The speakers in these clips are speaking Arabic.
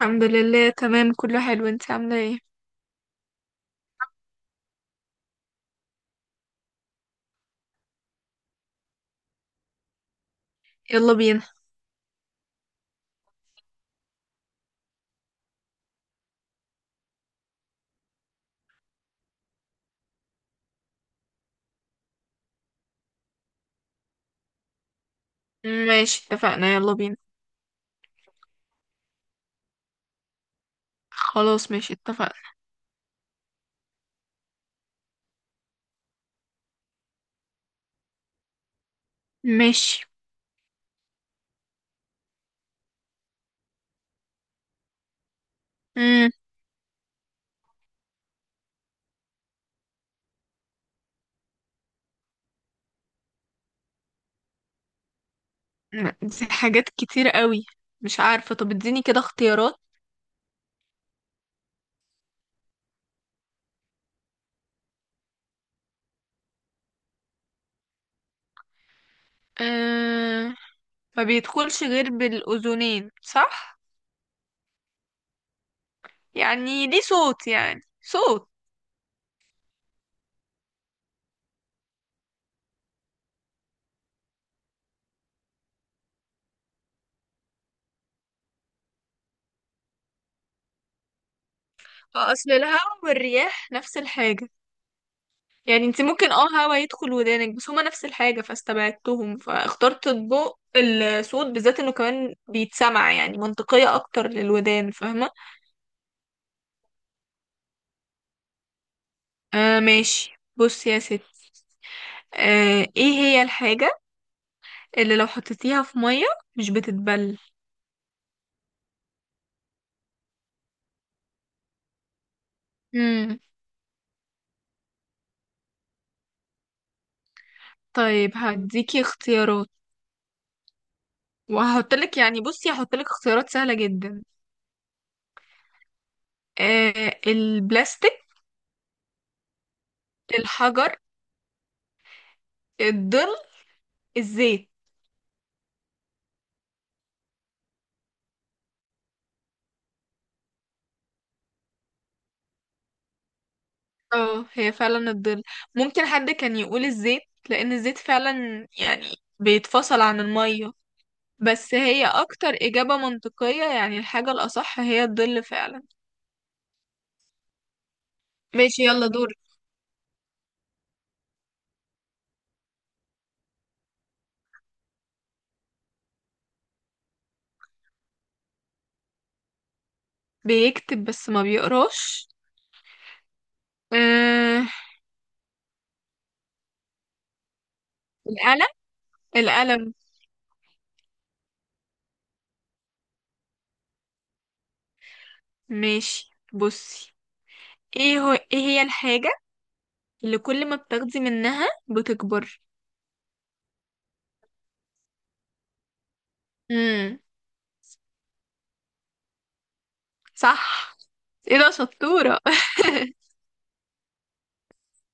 الحمد لله، تمام. كله حلو. انت عاملة ايه؟ يلا بينا. ماشي اتفقنا، يلا بينا. خلاص ماشي اتفقنا. ماشي. امم. دي حاجات كتير قوي. مش عارفة، طب اديني كده اختيارات. أه. ما بيدخلش غير بالأذنين، صح. يعني ليه صوت، يعني صوت. اصل الهواء والرياح نفس الحاجة. يعني انت ممكن هوا يدخل ودانك، بس هما نفس الحاجة فاستبعدتهم، فاخترت الضوء. الصوت بالذات انه كمان بيتسمع يعني منطقية اكتر للودان، فاهمة؟ آه ماشي، بص يا ست. آه، ايه هي الحاجة اللي لو حطيتيها في مية مش بتتبل؟ مم. طيب هديكي اختيارات، وهحطلك يعني بصي هحطلك اختيارات سهلة جدا. آه، البلاستيك، الحجر، الظل، الزيت. اه هي فعلا الظل. ممكن حد كان يقول الزيت لان الزيت فعلا يعني بيتفصل عن المية، بس هي اكتر اجابة منطقية، يعني الحاجة الاصح هي الظل فعلا. ماشي يلا دور. بيكتب بس ما بيقراش؟ آه، القلم، القلم. ماشي بصي، ايه هو، ايه هي الحاجة اللي كل ما بتاخدي منها بتكبر؟ امم. صح. ايه ده شطورة.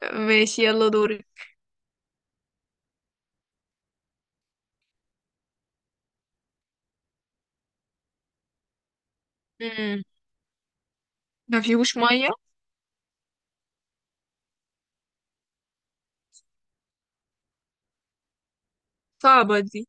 ماشي يلا دوري. امم. ما فيهوش مية. صعبة دي.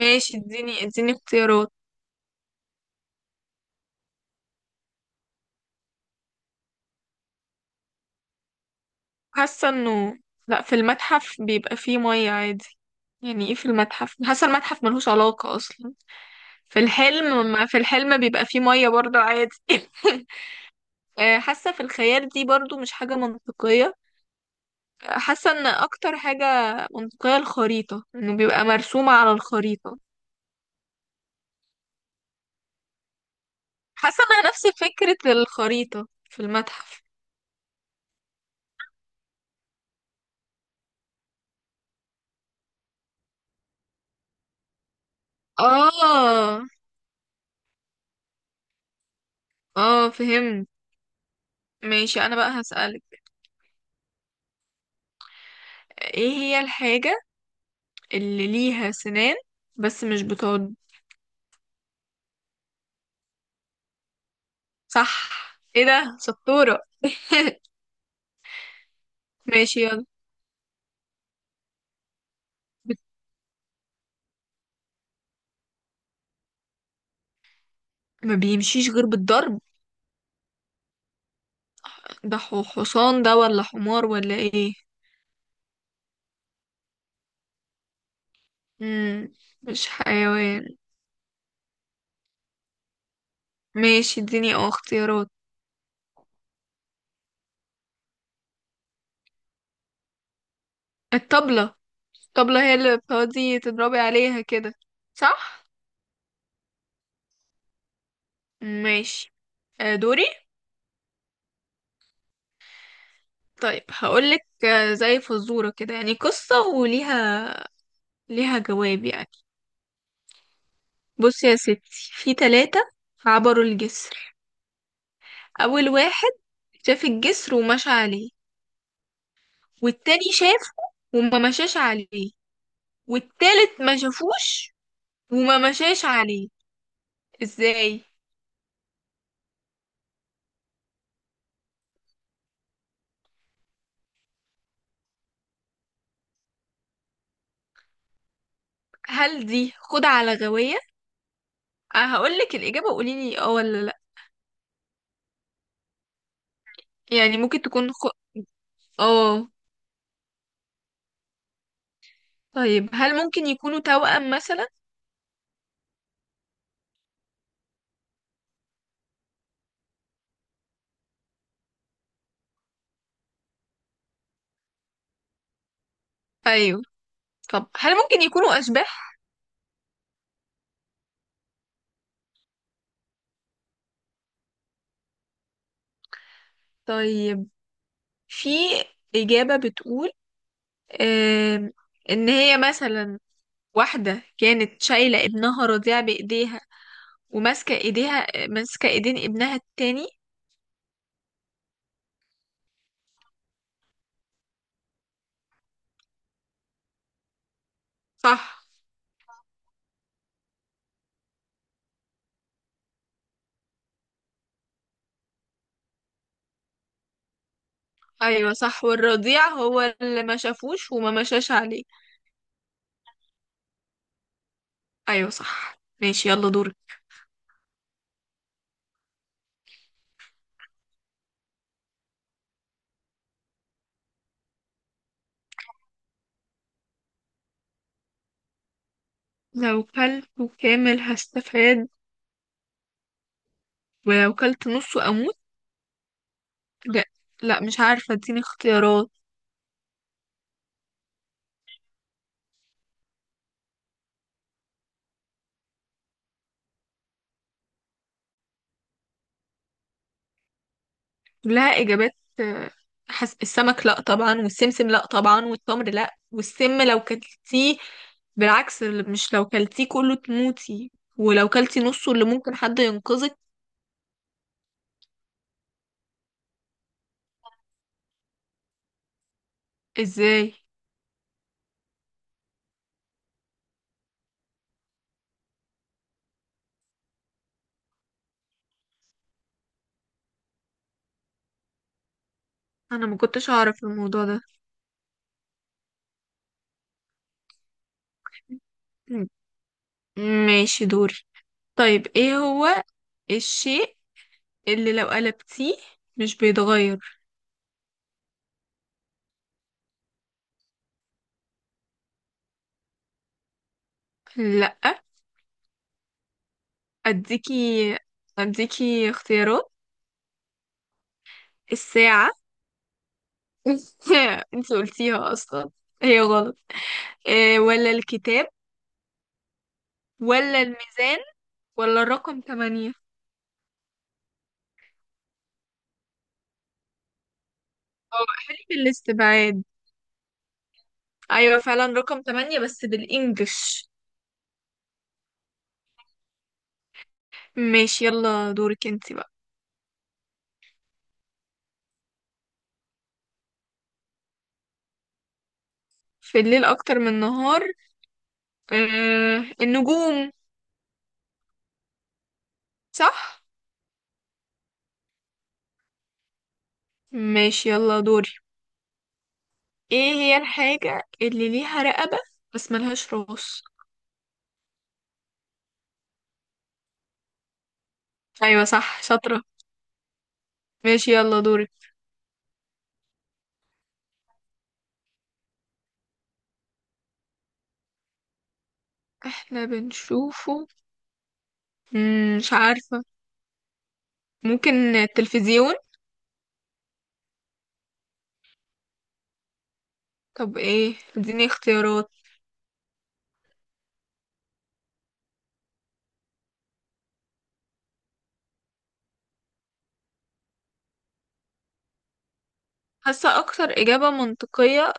ماشي اديني اديني اختيارات. حاسة انه لا، في المتحف بيبقى فيه مية عادي، يعني ايه في المتحف، حاسة المتحف ملهوش علاقة اصلا. في الحلم، ما في الحلم بيبقى فيه مية برضه عادي. آه، حاسة في الخيال دي برضه مش حاجة منطقية. آه، حاسة ان اكتر حاجة منطقية الخريطة، انه بيبقى مرسومة على الخريطة. حاسة انها نفس فكرة الخريطة في المتحف. اه. اه فهمت. ماشي انا بقى هسألك، ايه هي الحاجة اللي ليها سنان بس مش بتعض؟ صح. ايه ده شطورة. ماشي يلا. بت... ما بيمشيش غير بالضرب. حصان ده ولا حمار ولا ايه؟ مم. مش حيوان. ماشي اديني اه اختيارات. الطبلة، الطبلة هي اللي بتقعدي تضربي عليها كده، صح. ماشي، آه، دوري. طيب هقولك، آه، زي فزورة كده، يعني قصة وليها، ليها جواب يعني. بصي يا ستي، في تلاتة عبروا الجسر. أول واحد شاف الجسر ومشى عليه. والتاني شافه وما مشاش عليه. والتالت ما شافوش وما مشاش عليه. ازاي؟ هل دي خدعة على غواية؟ أه هقولك الإجابة، قوليلي اه ولا لأ. يعني ممكن تكون خ... اه. طيب هل ممكن يكونوا توأم مثلا؟ أيوه. طب هل ممكن يكونوا أشباح؟ طيب، في إجابة بتقول آم، إن هي مثلا واحدة كانت شايلة ابنها رضيع بإيديها، وماسكة إيديها، ماسكة إيدين ابنها التاني. صح. أيوة صح، والرضيع هو اللي ما شافوش وما مشاش عليه. أيوة صح، ماشي يلا دورك. لو كلته كامل هستفاد، ولو كلت نصه أموت؟ لا، لا مش عارفة اديني اختيارات. كلها إجابات. آه، السمك لا طبعا، والسمسم لا طبعا، والتمر لا، والسم لو كلتيه بالعكس، مش لو كلتيه كله تموتي، ولو كلتي نصه اللي ممكن حد ينقذك. ازاي؟ انا ما كنتش اعرف الموضوع ده. م- ماشي دوري. طيب ايه هو الشيء اللي لو قلبتيه مش بيتغير؟ لا. اديكي اديكي اختيارات. الساعة انت قلتيها اصلا، هي غلط. إيه، ولا الكتاب، ولا الميزان، ولا الرقم 8؟ اه احلي بالاستبعاد. ايوه فعلا رقم تمانية بس بالانجلش. ماشي يلا دورك انت بقى. في الليل اكتر من النهار؟ آه النجوم. صح. ماشي يلا دوري. ايه هي الحاجة اللي ليها رقبة بس ملهاش راس؟ ايوه صح، شاطرة. ماشي يلا دورك. احنا بنشوفه. مم، مش عارفة. ممكن التلفزيون. طب ايه، اديني اختيارات. حاسة أكتر إجابة منطقية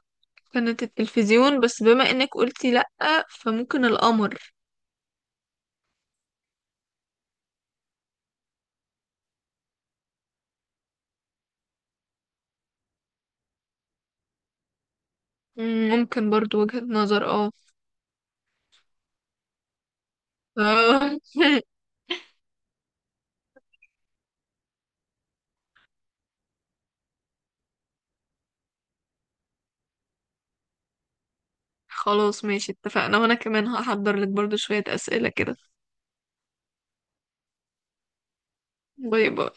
كانت التلفزيون، بس بما إنك قلتي لأ فممكن القمر. مم، ممكن برضو وجهة نظر، اه. آه. خلاص ماشي اتفقنا، وانا كمان هحضر لك برضو شوية اسئلة كده. باي باي.